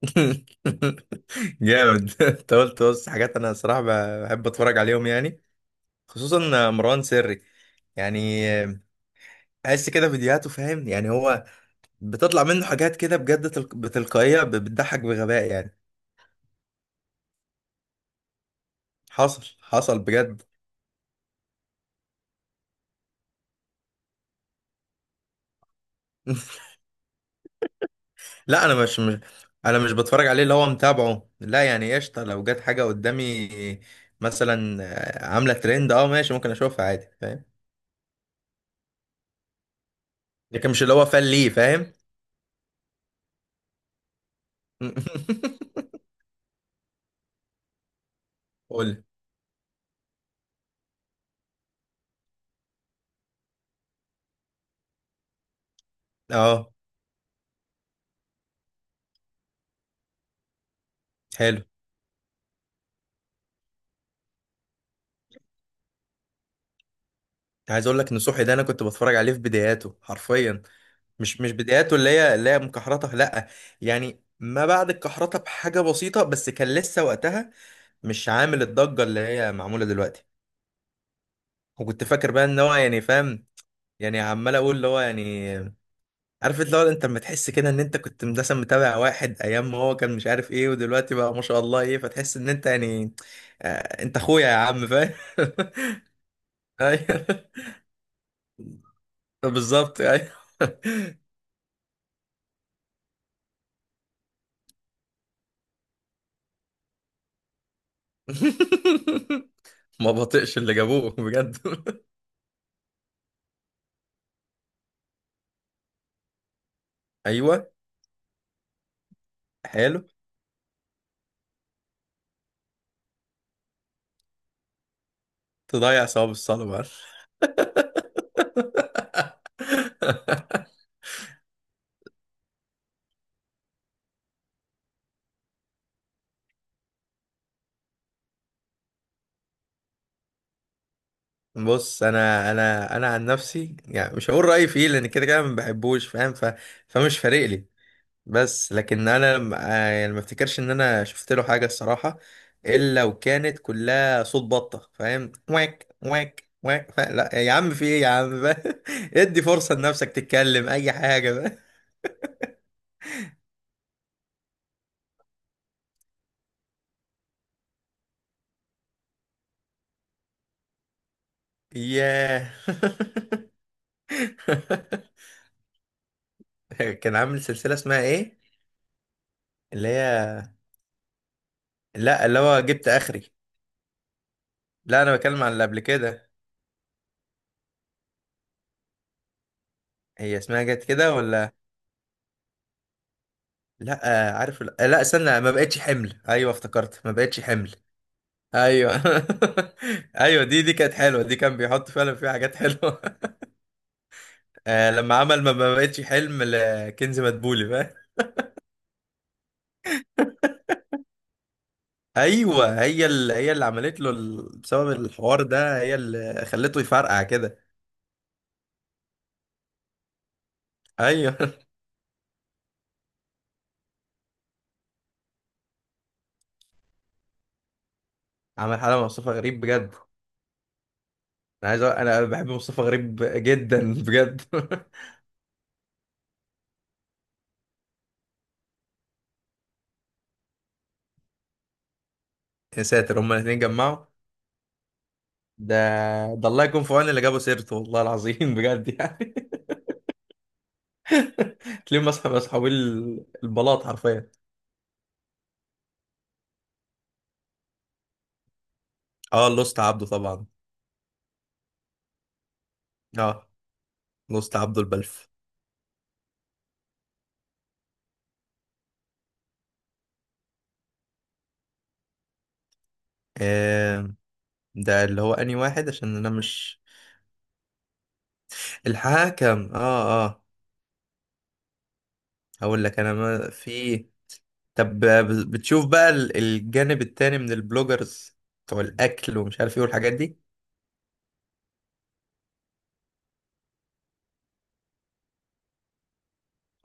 جامد انت قلت بص حاجات، انا صراحة بحب اتفرج عليهم يعني، خصوصا مروان سري. يعني بحس كده فيديوهاته فاهم يعني، هو بتطلع منه حاجات كده بجد بتلقائية، بتضحك بغباء يعني. حصل حصل بجد. لا، انا مش، انا مش بتفرج عليه اللي هو متابعه لا، يعني قشطة لو جت حاجة قدامي، مثلا عاملة ترند، اه ماشي، ممكن اشوفها عادي فاهم. لكن مش اللي هو فان ليه فاهم. قول. اه. حلو. عايز اقول لك ان صحي ده، انا كنت بتفرج عليه في بداياته حرفيا. مش بداياته اللي هي مكحرته لا، يعني ما بعد الكحرته بحاجه بسيطه، بس كان لسه وقتها مش عامل الضجه اللي هي معموله دلوقتي. وكنت فاكر بقى ان هو يعني فاهم، يعني عمال اقول اللي هو يعني، عارف اللي هو انت لما تحس كده ان انت كنت مثلا متابع واحد ايام ما هو كان مش عارف ايه، ودلوقتي بقى ما شاء الله ايه، فتحس ان انت يعني آه، انت اخويا يا عم فاهم. ايوه، بالظبط ايوه. ما بطيقش اللي جابوه بجد. ايوه، حلو. تضيع ثواب الصلاه بقى. بص انا عن نفسي يعني، مش هقول رايي فيه، لان كده كده ما بحبوش فاهم فمش فارق لي. بس لكن انا يعني ما افتكرش ان انا شفت له حاجه الصراحه الا وكانت كلها صوت بطه فاهم، واك واك واك لا يا عم في ايه يا عم بقى. ادي فرصه لنفسك تتكلم اي حاجه بقى. ياه. كان عامل سلسلة اسمها ايه؟ اللي هي. لا، اللي هو جبت اخري. لا، انا بتكلم عن اللي قبل كده. هي اسمها جت كده ولا؟ لا عارف لا استنى، ما بقتش حمل، ايوه افتكرت ما بقتش حمل. ايوه. ايوه دي كانت حلوه، دي كان بيحط فعلا فيها حاجات حلوه. آه، لما عمل ما بقتش حلم لكنز مدبولي فاهم. ايوه هي اللي هي اللي عملت له بسبب الحوار ده هي اللي خلته يفرقع كده. ايوه. عمل حاله مع مصطفى غريب بجد. انا عايز انا بحب مصطفى غريب جدا بجد. يا ساتر هما الاثنين جمعوا. ده ده الله يكون في عون اللي جابوا سيرته، والله العظيم بجد يعني. تلاقيهم مسح مسحوبين البلاط حرفيا. اه لوست عبده طبعا. اه لوست عبده البلف. آه ده اللي هو انهي واحد عشان انا مش. الحاكم، اه اه. هقول لك انا ما في. طب بتشوف بقى الجانب التاني من البلوجرز، بتوع الاكل ومش عارف ايه والحاجات دي.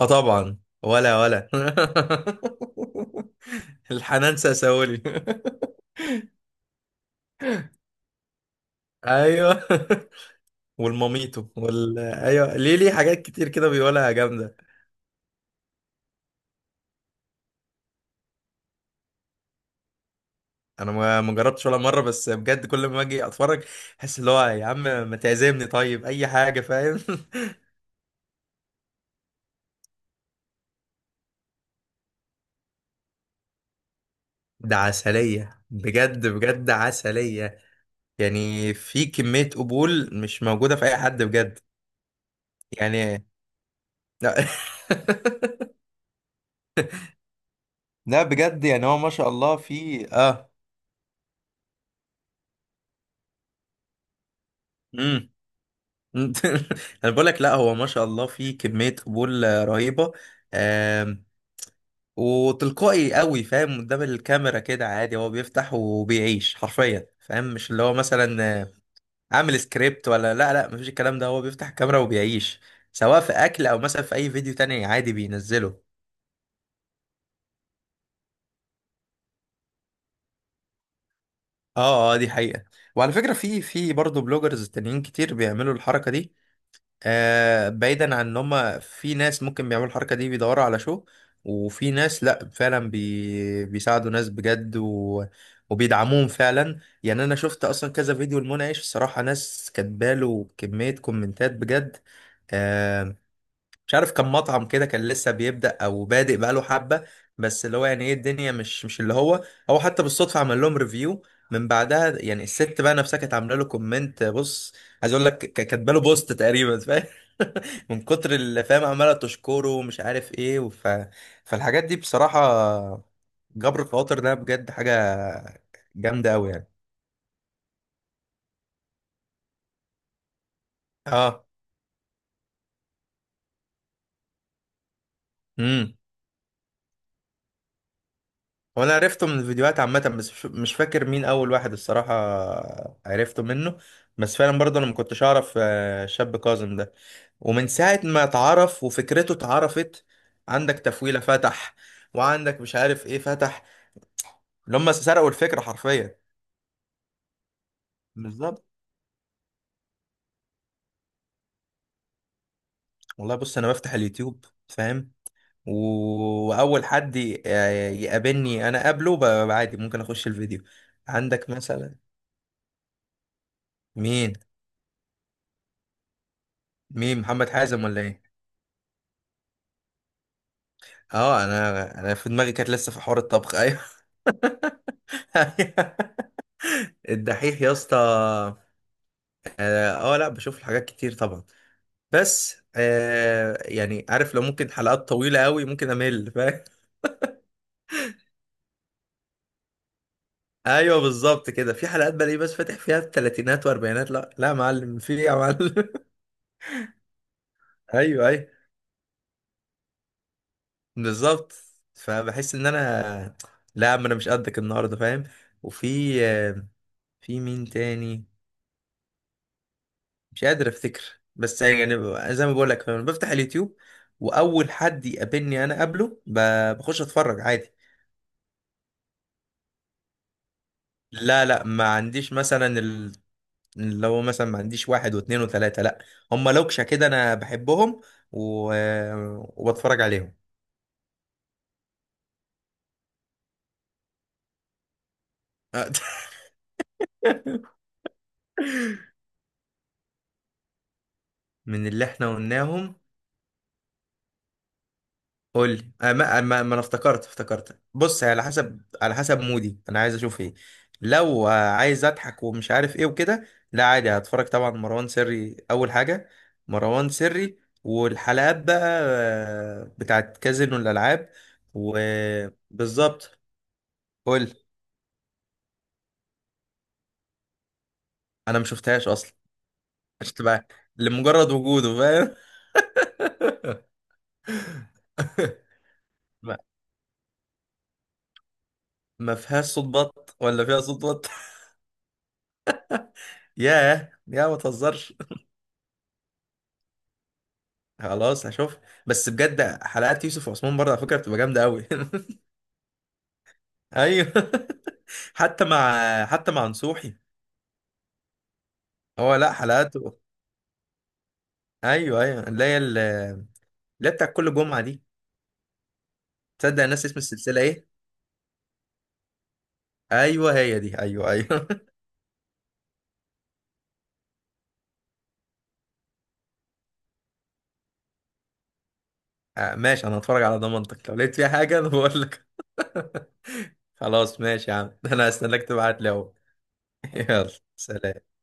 اه طبعا. ولا ولا. الحنان ساسولي. ايوه. والماميتو وال ايوه، ليه، ليه حاجات كتير كده بيقولها جامده. انا ما جربتش ولا مره، بس بجد كل ما اجي اتفرج احس اللي هو يا عم ما تعزمني طيب اي حاجه فاهم. ده عسليه بجد بجد عسليه، يعني في كميه قبول مش موجوده في اي حد بجد، يعني لا. لا بجد يعني هو ما شاء الله في اه. امم. انا بقول لك، لا هو ما شاء الله في كميه قبول رهيبه، آم، وتلقائي قوي فاهم قدام الكاميرا كده عادي، هو بيفتح وبيعيش حرفيا فاهم، مش اللي هو مثلا عامل سكريبت ولا، لا لا مفيش الكلام ده، هو بيفتح الكاميرا وبيعيش سواء في اكل او مثلا في اي فيديو تاني عادي بينزله. اه اه دي حقيقه. وعلى فكره في برضه بلوجرز تانيين كتير بيعملوا الحركه دي، آه بعيدا عن ان هم في ناس ممكن بيعملوا الحركه دي بيدوروا على شو، وفي ناس لا فعلا بيساعدوا ناس بجد و... وبيدعموهم فعلا، يعني انا شفت اصلا كذا فيديو لمنعش الصراحه، ناس كاتباله كميه كومنتات بجد. آه مش عارف كان مطعم كده كان لسه بيبدأ او بادئ بقاله حبه، بس اللي هو يعني ايه، الدنيا مش اللي هو، هو حتى بالصدفه عمل لهم ريفيو، من بعدها يعني الست بقى نفسها كانت عامله له كومنت بص، عايز اقول لك كاتبه له بوست تقريبا من كتر اللي فاهم عماله تشكره ومش عارف ايه فالحاجات دي بصراحه جبر الخواطر ده بجد حاجه جامده قوي يعني. اه. امم. وانا عرفته من الفيديوهات عامه، بس مش فاكر مين اول واحد الصراحه عرفته منه، بس فعلا برضه انا ما كنتش اعرف شاب كاظم ده. ومن ساعه ما اتعرف وفكرته اتعرفت. عندك تفويله فتح، وعندك مش عارف ايه فتح، اللي هم سرقوا الفكره حرفيا. بالظبط. والله بص انا بفتح اليوتيوب فاهم، واول حد يقابلني انا قابله عادي ممكن اخش الفيديو. عندك مثلا مين. محمد حازم ولا ايه. اه انا في دماغي كانت لسه في حوار الطبخ ايوه. الدحيح يا اسطى اه. لا بشوف الحاجات كتير طبعا، بس آه يعني عارف لو ممكن حلقات طويلة قوي ممكن امل فاهم. ايوه بالظبط كده في حلقات بلاقيه بس فاتح فيها الثلاثينات واربعينات، لا لا يا معلم في ايه يا معلم. ايوه ايوه بالظبط. فبحس ان انا، لا ما انا مش قدك النهارده فاهم. وفي، مين تاني مش قادر افتكر، بس يعني زي ما بقول لك انا بفتح اليوتيوب واول حد يقابلني انا قبله بخش اتفرج عادي. لا لا ما عنديش مثلا اللي هو مثلا ما عنديش واحد واثنين وثلاثه لا. هم لوكشه كده انا بحبهم و... وبتفرج عليهم. من اللي احنا قلناهم. قول لي آه، ما آه، ما ما انا افتكرت بص، هي على حسب على حسب مودي انا عايز اشوف ايه. لو عايز اضحك ومش عارف ايه وكده، لا عادي هتفرج طبعا، مروان سري اول حاجه، مروان سري والحلقات بقى بتاعت كازينو الالعاب وبالظبط. قول لي. انا ما شفتهاش اصلا. مش تبقى. لمجرد وجوده فاهم. ما ما فيهاش صوت بط، ولا فيها صوت بط. ياه يا ما تهزرش. خلاص هشوف. بس بجد حلقات يوسف وعثمان برضه على فكرة بتبقى جامدة قوي. ايوه. حتى مع نصوحي. هو لا حلقاته. ايوه ايوه اللي هي اللي هي بتاع كل جمعة دي. تصدق الناس اسم السلسلة ايه؟ ايوه هي دي ايوه ايوه. ماشي انا هتفرج على ضمانتك، لو لقيت فيها حاجة انا بقول لك. خلاص ماشي يا عم. انا هستناك تبعت لي اهو. يلا. سلام.